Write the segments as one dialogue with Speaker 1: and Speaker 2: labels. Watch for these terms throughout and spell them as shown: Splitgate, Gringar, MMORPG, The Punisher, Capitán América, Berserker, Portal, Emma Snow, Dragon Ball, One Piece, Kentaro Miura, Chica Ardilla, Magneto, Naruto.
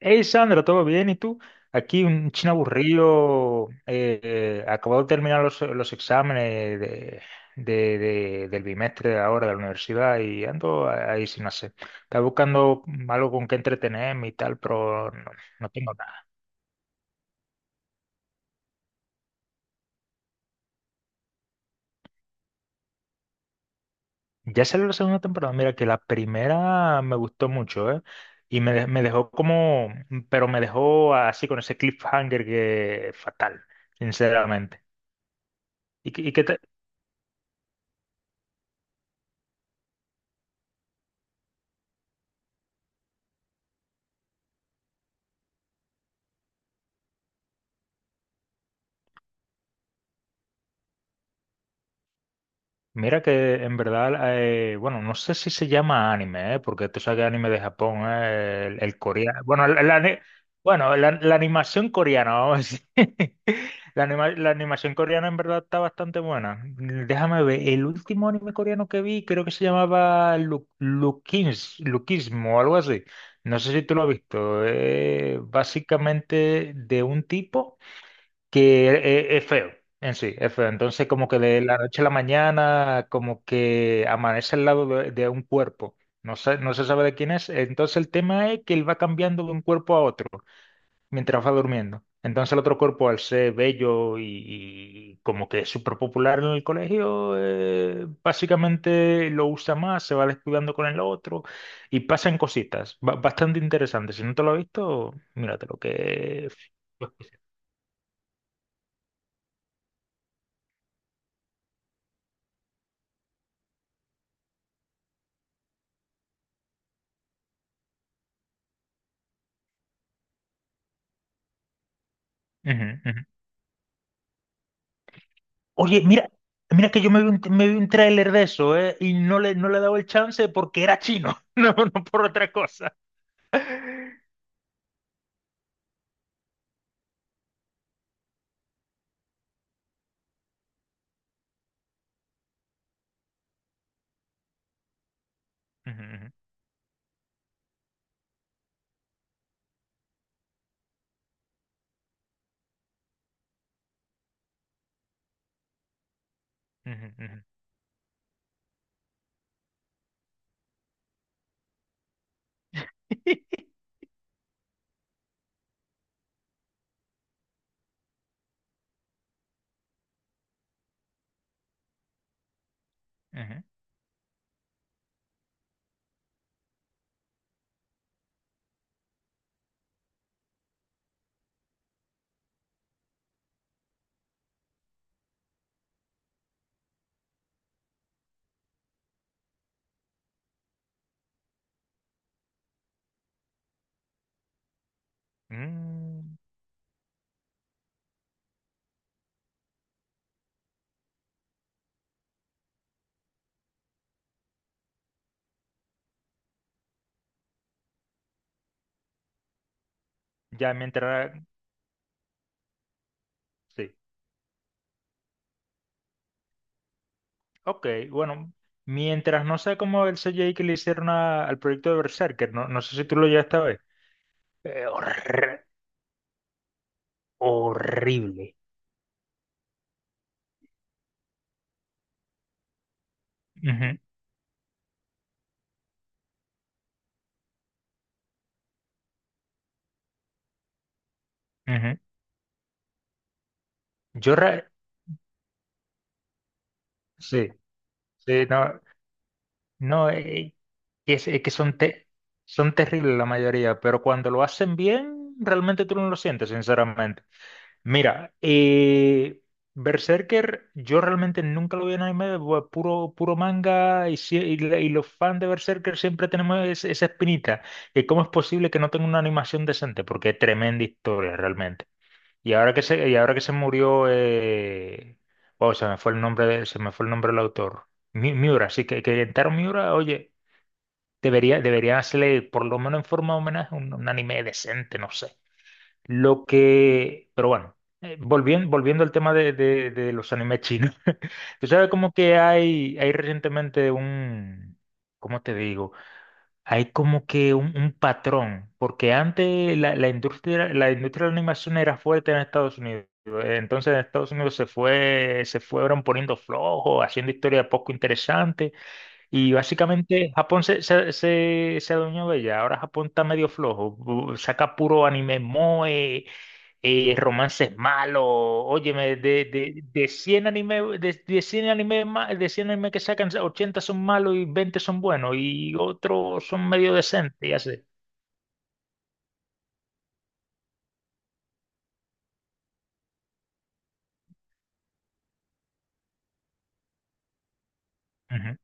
Speaker 1: Hey Sandra, ¿todo bien? ¿Y tú? Aquí un chino aburrido, acabo de terminar los exámenes del bimestre de ahora de la universidad y ando ahí sin hacer. Estaba buscando algo con qué entretenerme y tal, pero no, no tengo nada. Ya salió la segunda temporada, mira que la primera me gustó mucho, ¿eh? Me dejó como, pero me dejó así con ese cliffhanger que fatal, sinceramente. ¿Y, qué- y qué te- Mira que en verdad, bueno, no sé si se llama anime, ¿eh? Porque tú sabes que anime de Japón, ¿eh? El coreano, bueno, bueno, la animación coreana, vamos a decir. La animación coreana en verdad está bastante buena. Déjame ver, el último anime coreano que vi creo que se llamaba Lukins, Lukismo o algo así. No sé si tú lo has visto. Básicamente de un tipo que es, feo en sí, es feo. Entonces, como que de la noche a la mañana, como que amanece al lado de un cuerpo. No sé, no se sabe de quién es. Entonces, el tema es que él va cambiando de un cuerpo a otro mientras va durmiendo. Entonces, el otro cuerpo, al ser bello y como que es súper popular en el colegio, básicamente lo usa más, se va descuidando con el otro y pasan cositas bastante interesantes. Si no te lo has visto, míratelo que... Ujú, ujú. Oye, mira, mira que yo me vi un tráiler de eso, ¿eh? Y no le he dado el chance porque era chino, no, no por otra cosa. Ujú, ujú, ujú, ujú. Ujú. Mm, ya mientras... Sí. Ok, bueno. Mientras no sé cómo el CGI que le hicieron al proyecto de Berserker, no, no sé si tú lo llegaste a ver. Eh, horr- Horrible. Ujú, ujú. Yo... re- Sí, sí, no. No, es que son terribles la mayoría, pero cuando lo hacen bien, realmente tú no lo sientes, sinceramente. Mira, Berserker, yo realmente nunca lo vi en anime, puro manga, y los fans de Berserker siempre tenemos esa espinita, que cómo es posible que no tenga una animación decente, porque es tremenda historia realmente. Y ahora que se murió, wow, se me fue el nombre del autor. Miura, sí, que Kentaro Miura, oye. Debería hacerle, por lo menos en forma de homenaje, un anime decente, no sé. Lo que, pero bueno, volviendo al tema de los animes chinos. Tú sabes como que hay recientemente un, ¿cómo te digo? Hay como que un patrón, porque antes la industria de la animación era fuerte en Estados Unidos. Entonces en Estados Unidos se fueron poniendo flojos, haciendo historias poco interesantes. Y básicamente Japón se adueñó de ella. Ahora Japón está medio flojo. Saca puro anime moe, romances malos. Óyeme, de 100 anime, de 100 anime, de 100 anime que sacan, 80 son malos y 20 son buenos y otros son medio decentes y así. Ujú.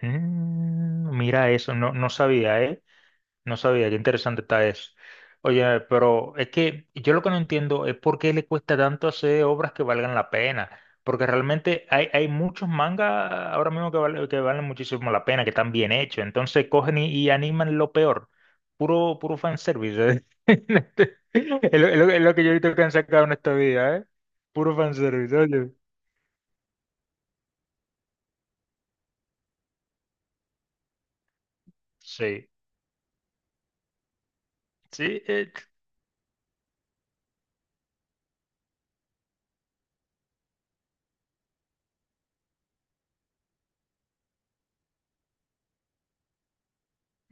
Speaker 1: Mm, mira eso, no, no sabía, ¿eh? No sabía, qué interesante está eso. Oye, pero es que yo lo que no entiendo es por qué le cuesta tanto hacer obras que valgan la pena. Porque realmente hay, hay muchos mangas ahora mismo que valen muchísimo la pena, que están bien hechos. Entonces cogen y animan lo peor. Puro, puro fanservice. ¿Eh? Es lo, es es lo que yo he visto que han sacado en esta vida, ¿eh? Puro fanservice, oye. Sí, sí.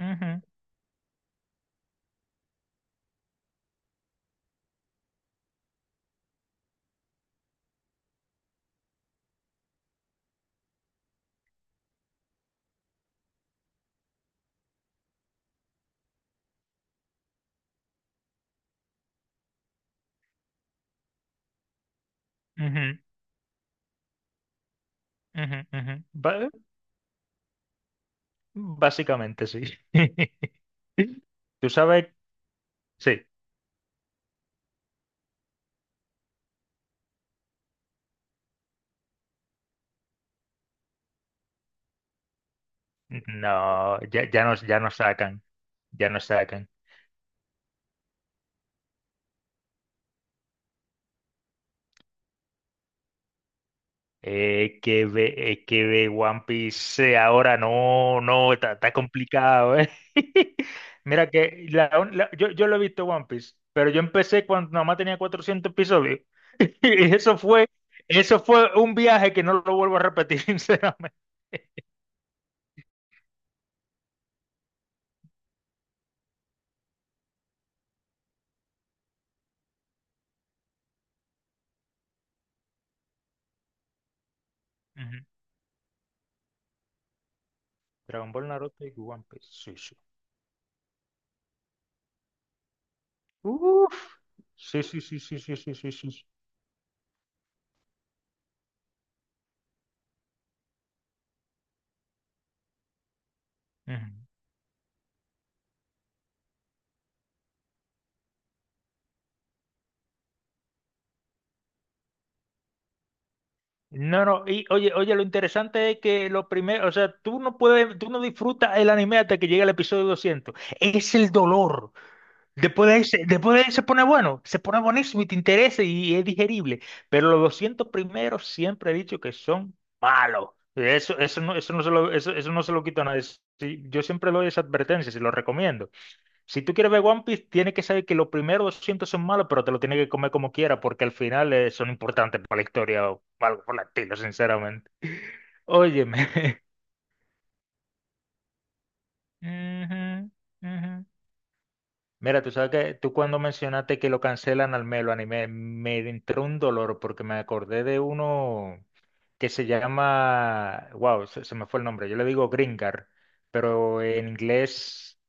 Speaker 1: ujú, ujú, ujú, ujú. Básicamente sí. Tú sabes, sí, no, ya nos sacan, ya nos sacan. Que ve One Piece ahora, no, no, está, está complicado, ¿eh? Mira que yo lo he visto One Piece, pero yo empecé cuando nada más tenía 400 episodios. Y eso fue un viaje que no lo vuelvo a repetir, sinceramente. Ujú. Dragon Ball, Naruto y One Piece, sí, sí. Uf, sí, sí, sí, sí, sí, sí, sí, sí. Sí. Ujú. No, no, y oye, oye, lo interesante es que lo primero, o sea, tú no puedes, tú no disfrutas el anime hasta que llega el episodio 200. Es el dolor. Después de ese, después de ahí se pone bueno, se pone buenísimo y te interesa y es digerible. Pero los 200 primeros siempre he dicho que son malos. Eso, no se lo, eso no se lo quito a nadie. Sí, yo siempre doy esa advertencia y lo recomiendo. Si tú quieres ver One Piece, tienes que saber que los primeros 200 son malos, pero te lo tienes que comer como quiera, porque al final son importantes para la historia o algo por el estilo, sinceramente. Óyeme. Ujú, ujú. Mira, tú sabes que tú cuando mencionaste que lo cancelan al Melo anime, me entró un dolor porque me acordé de uno que se llama, wow, se me fue el nombre, yo le digo Gringar, pero en inglés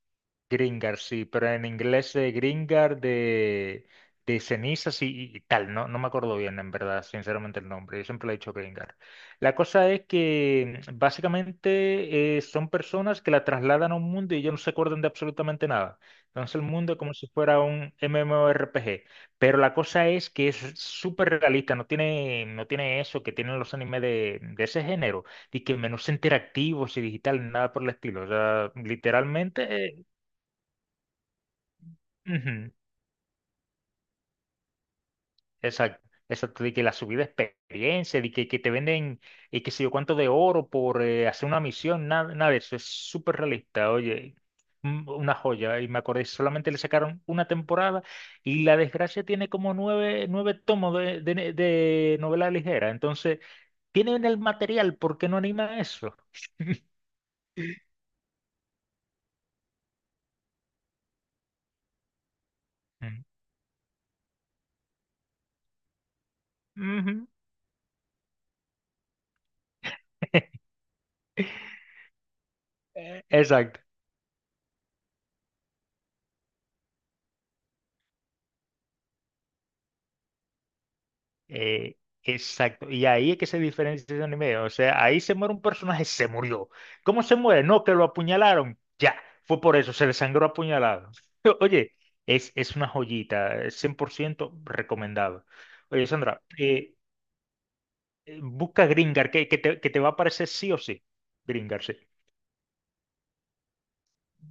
Speaker 1: Gringar, sí, pero en inglés de Gringar de cenizas y tal, no, no me acuerdo bien en verdad, sinceramente el nombre, yo siempre le he dicho Gringar. La cosa es que mm, básicamente son personas que la trasladan a un mundo y ellos no se acuerdan de absolutamente nada. Entonces el mundo es como si fuera un MMORPG, pero la cosa es que es súper realista, no tiene, no tiene eso que tienen los animes de ese género, y que menús interactivos y digitales, nada por el estilo, o sea, literalmente... Ujú, exacto, exacto, de que la subida de experiencia, que te venden y que sé yo cuánto de oro por hacer una misión, nada, nada de eso, es súper realista, oye, una joya, y me acordé, solamente le sacaron una temporada y La Desgracia tiene como 9, 9 tomos de novela ligera, entonces, tienen el material, ¿por qué no anima eso? Ujú, ujú, exacto. Eh, exacto. Y ahí es que se diferencia ese anime. O sea, ahí se muere un personaje, se murió. ¿Cómo se muere? No, que lo apuñalaron. Ya, fue por eso, se le sangró apuñalado. Oye, es una joyita, 100% recomendado. Oye, Sandra, busca Gringar, que te va a aparecer sí o sí. Gringar, sí.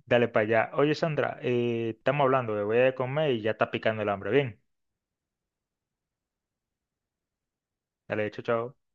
Speaker 1: Dale para allá. Oye, Sandra, estamos hablando, me voy a comer y ya está picando el hambre. Bien, dale, chao, chao.